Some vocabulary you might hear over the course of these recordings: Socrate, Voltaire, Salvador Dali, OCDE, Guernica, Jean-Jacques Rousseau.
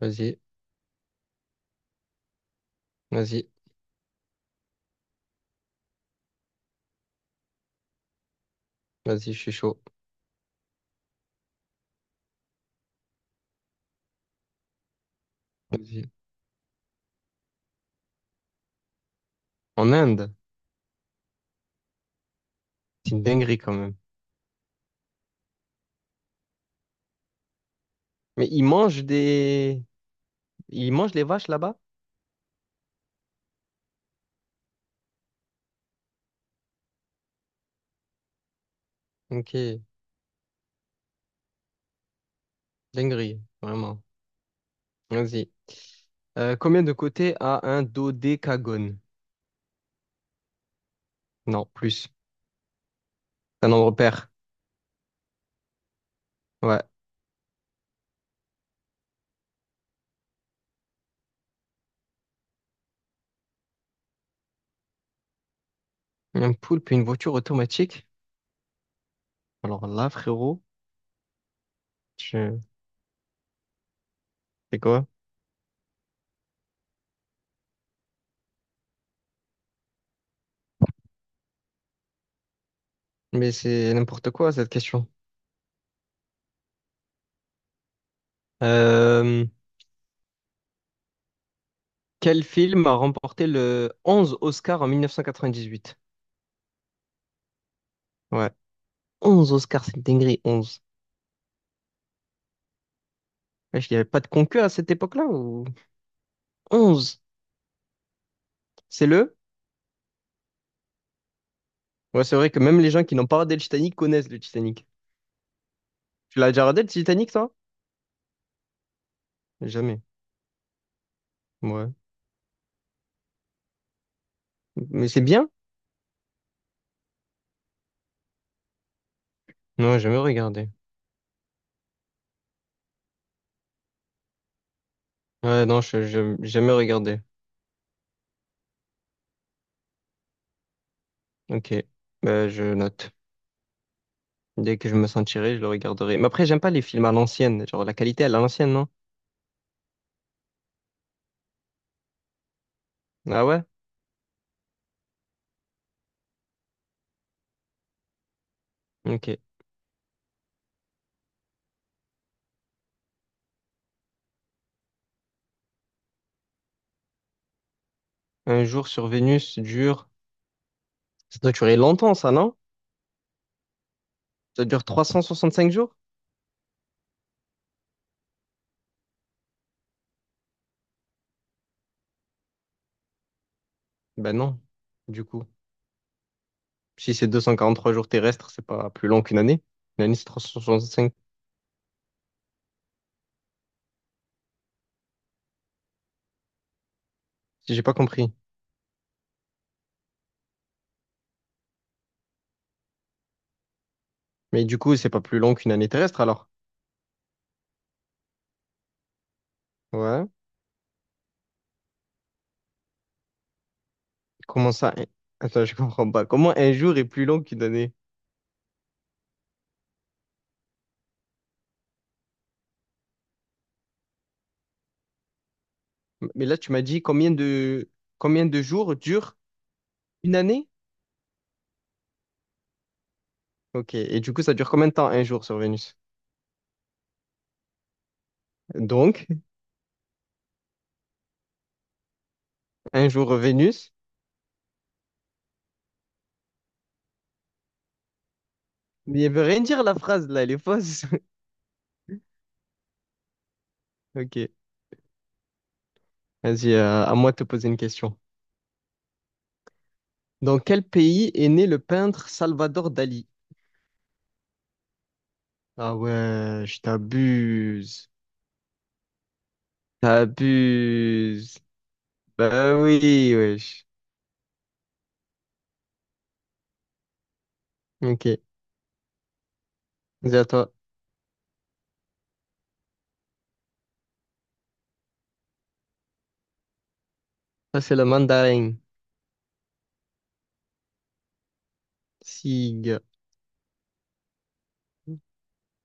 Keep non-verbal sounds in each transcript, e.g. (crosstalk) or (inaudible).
Vas-y, vas-y, vas-y, je suis chaud. Vas-y. En Inde, c'est une dinguerie quand même. Mais ils mangent des... Ils mangent les vaches là-bas? Ok, dinguerie, vraiment. Vas-y. Combien de côtés a un dodécagone? Non, plus. C'est un nombre pair. Ouais. Un poulpe et une voiture automatique? Alors là, frérot, je... C'est quoi? Mais c'est n'importe quoi, cette question. Euh, Quel film a remporté le 11 Oscar en 1998? Ouais, 11 Oscars, c'est une dinguerie, 11. Wesh, il n'y avait pas de concours à cette époque-là ou. 11, c'est le? Ouais, c'est vrai que même les gens qui n'ont pas regardé le Titanic connaissent le Titanic. Tu l'as déjà regardé le Titanic, toi? Jamais. Ouais. Mais c'est bien? Non, jamais regardé. Ouais, non, jamais regardé. Ok. Bah, je note. Dès que je me sentirai, je le regarderai. Mais après, j'aime pas les films à l'ancienne. Genre, la qualité à l'ancienne, non? Ah ouais? Ok. Un jour sur Vénus dure. Ça doit durer longtemps, ça, non? Ça dure 365 jours? Ben non, du coup. Si c'est 243 jours terrestres, c'est pas plus long qu'une année. Une année, c'est 365, si j'ai pas compris. Mais du coup, c'est pas plus long qu'une année terrestre, alors. Ouais. Comment ça? Attends, je comprends pas. Comment un jour est plus long qu'une année? Mais là, tu m'as dit combien de jours dure une année? Ok. Et du coup, ça dure combien de temps un jour sur Vénus? Donc, un jour Vénus. Mais elle veut rien dire la phrase là, elle est fausse. (laughs) Ok. Vas-y, à moi de te poser une question. Dans quel pays est né le peintre Salvador Dali? Ah ouais, je t'abuse. T'abuses. Ben oui, wesh. Ok, vas-y à toi. Ça, c'est le mandarin. Sig.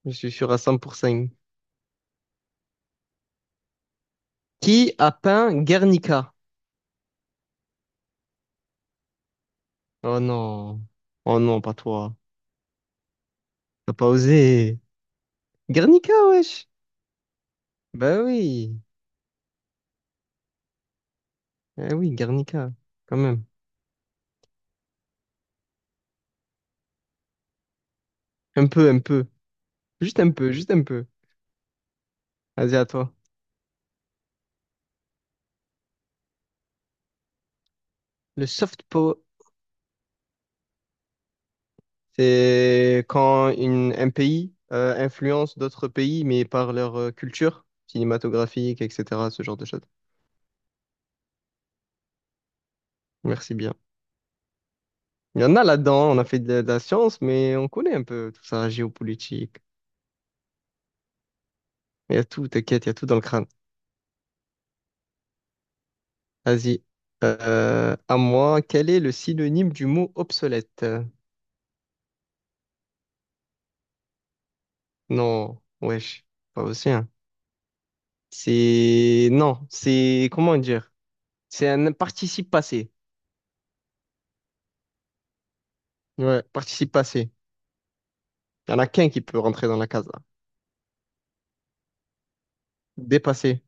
Je suis sûr à 100%. Qui a peint Guernica? Oh non. Oh non, pas toi. T'as pas osé. Guernica, wesh. Bah oui. Eh oui, Guernica. Quand même. Un peu, un peu. Juste un peu, juste un peu. Vas-y, à toi. Le soft. C'est quand un pays influence d'autres pays, mais par leur culture cinématographique, etc., ce genre de choses. Merci bien. Il y en a là-dedans, on a fait de la science, mais on connaît un peu tout ça, géopolitique. Il y a tout, t'inquiète, il y a tout dans le crâne. Vas-y. À moi, quel est le synonyme du mot obsolète? Non, wesh, pas aussi, hein. C'est. Non, c'est. Comment dire? C'est un participe passé. Ouais, participe passé. Il n'y en a qu'un qui peut rentrer dans la case. Dépassé.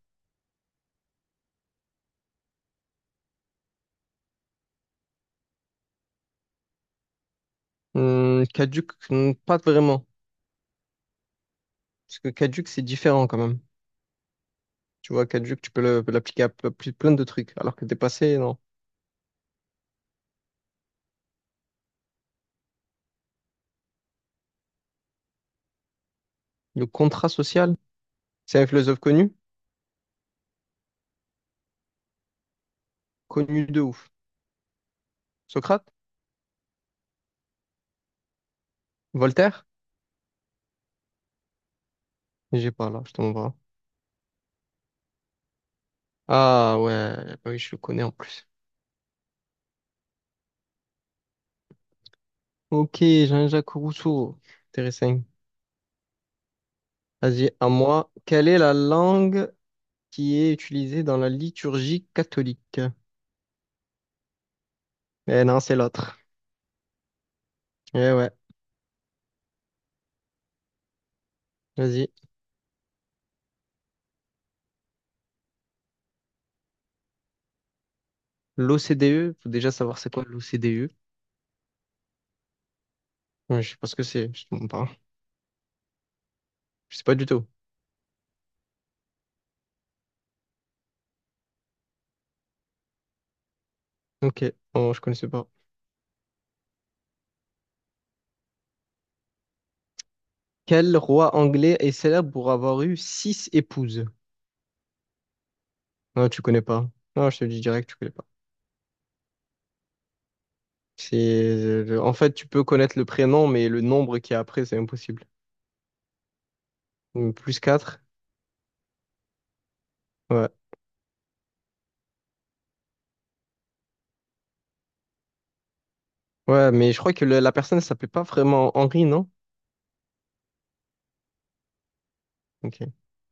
Caduc, pas vraiment. Parce que caduc, c'est différent quand même. Tu vois, caduc, tu peux l'appliquer à plein de trucs. Alors que dépassé, non. Le contrat social, c'est un philosophe connu, connu de ouf. Socrate? Voltaire? J'ai pas là, je tombe pas. Ah ouais, bah oui, je le connais en plus. Ok, Jean-Jacques Rousseau. Intéressant. Vas-y, à moi. Quelle est la langue qui est utilisée dans la liturgie catholique? Eh non, c'est l'autre. Eh ouais, vas-y. L'OCDE, faut déjà savoir c'est quoi l'OCDE. Ouais, je sais pas ce que c'est, je te mens pas. Je sais pas du tout. Ok, bon, je connaissais pas. Quel roi anglais est célèbre pour avoir eu six épouses? Non, tu connais pas. Non, je te le dis direct, tu connais pas. C'est, En fait, tu peux connaître le prénom, mais le nombre qui est après, c'est impossible. Donc, plus 4. Ouais. Ouais, mais je crois que la personne ne s'appelait pas vraiment Henri, non? Ok.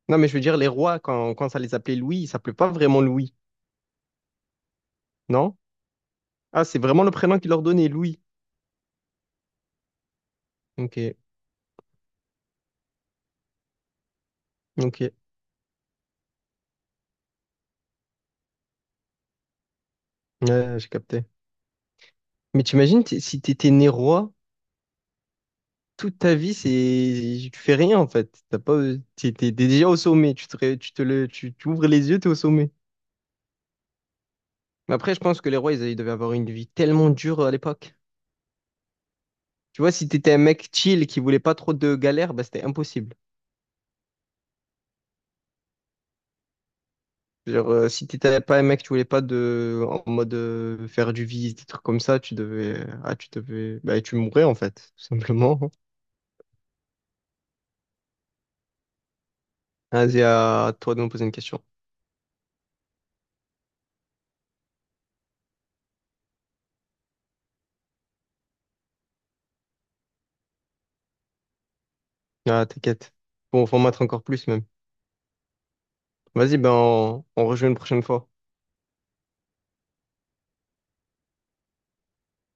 Non, mais je veux dire, les rois, quand ça les appelait Louis, ils s'appelaient pas vraiment Louis, non? Ah, c'est vraiment le prénom qu'ils leur donnait, Louis. Ok. Ok. Ouais, j'ai capté. Mais t'imagines, si t'étais né roi, toute ta vie, c'est, tu fais rien, en fait. T'as pas, t'es déjà au sommet. Tu te, ré- tu te le, Tu t'ouvres les yeux, t'es au sommet. Mais après, je pense que les rois, ils devaient avoir une vie tellement dure à l'époque. Tu vois, si t'étais un mec chill qui voulait pas trop de galères, bah, c'était impossible. Genre, si t'étais pas un mec qui voulait pas de, en mode, faire du vice, des trucs comme ça, tu devais, bah, tu mourrais, en fait, tout simplement. (laughs) Vas-y, à toi de me poser une question. Ah, t'inquiète. Bon, faut en mettre encore plus, même. Vas-y, ben on rejoue une prochaine fois.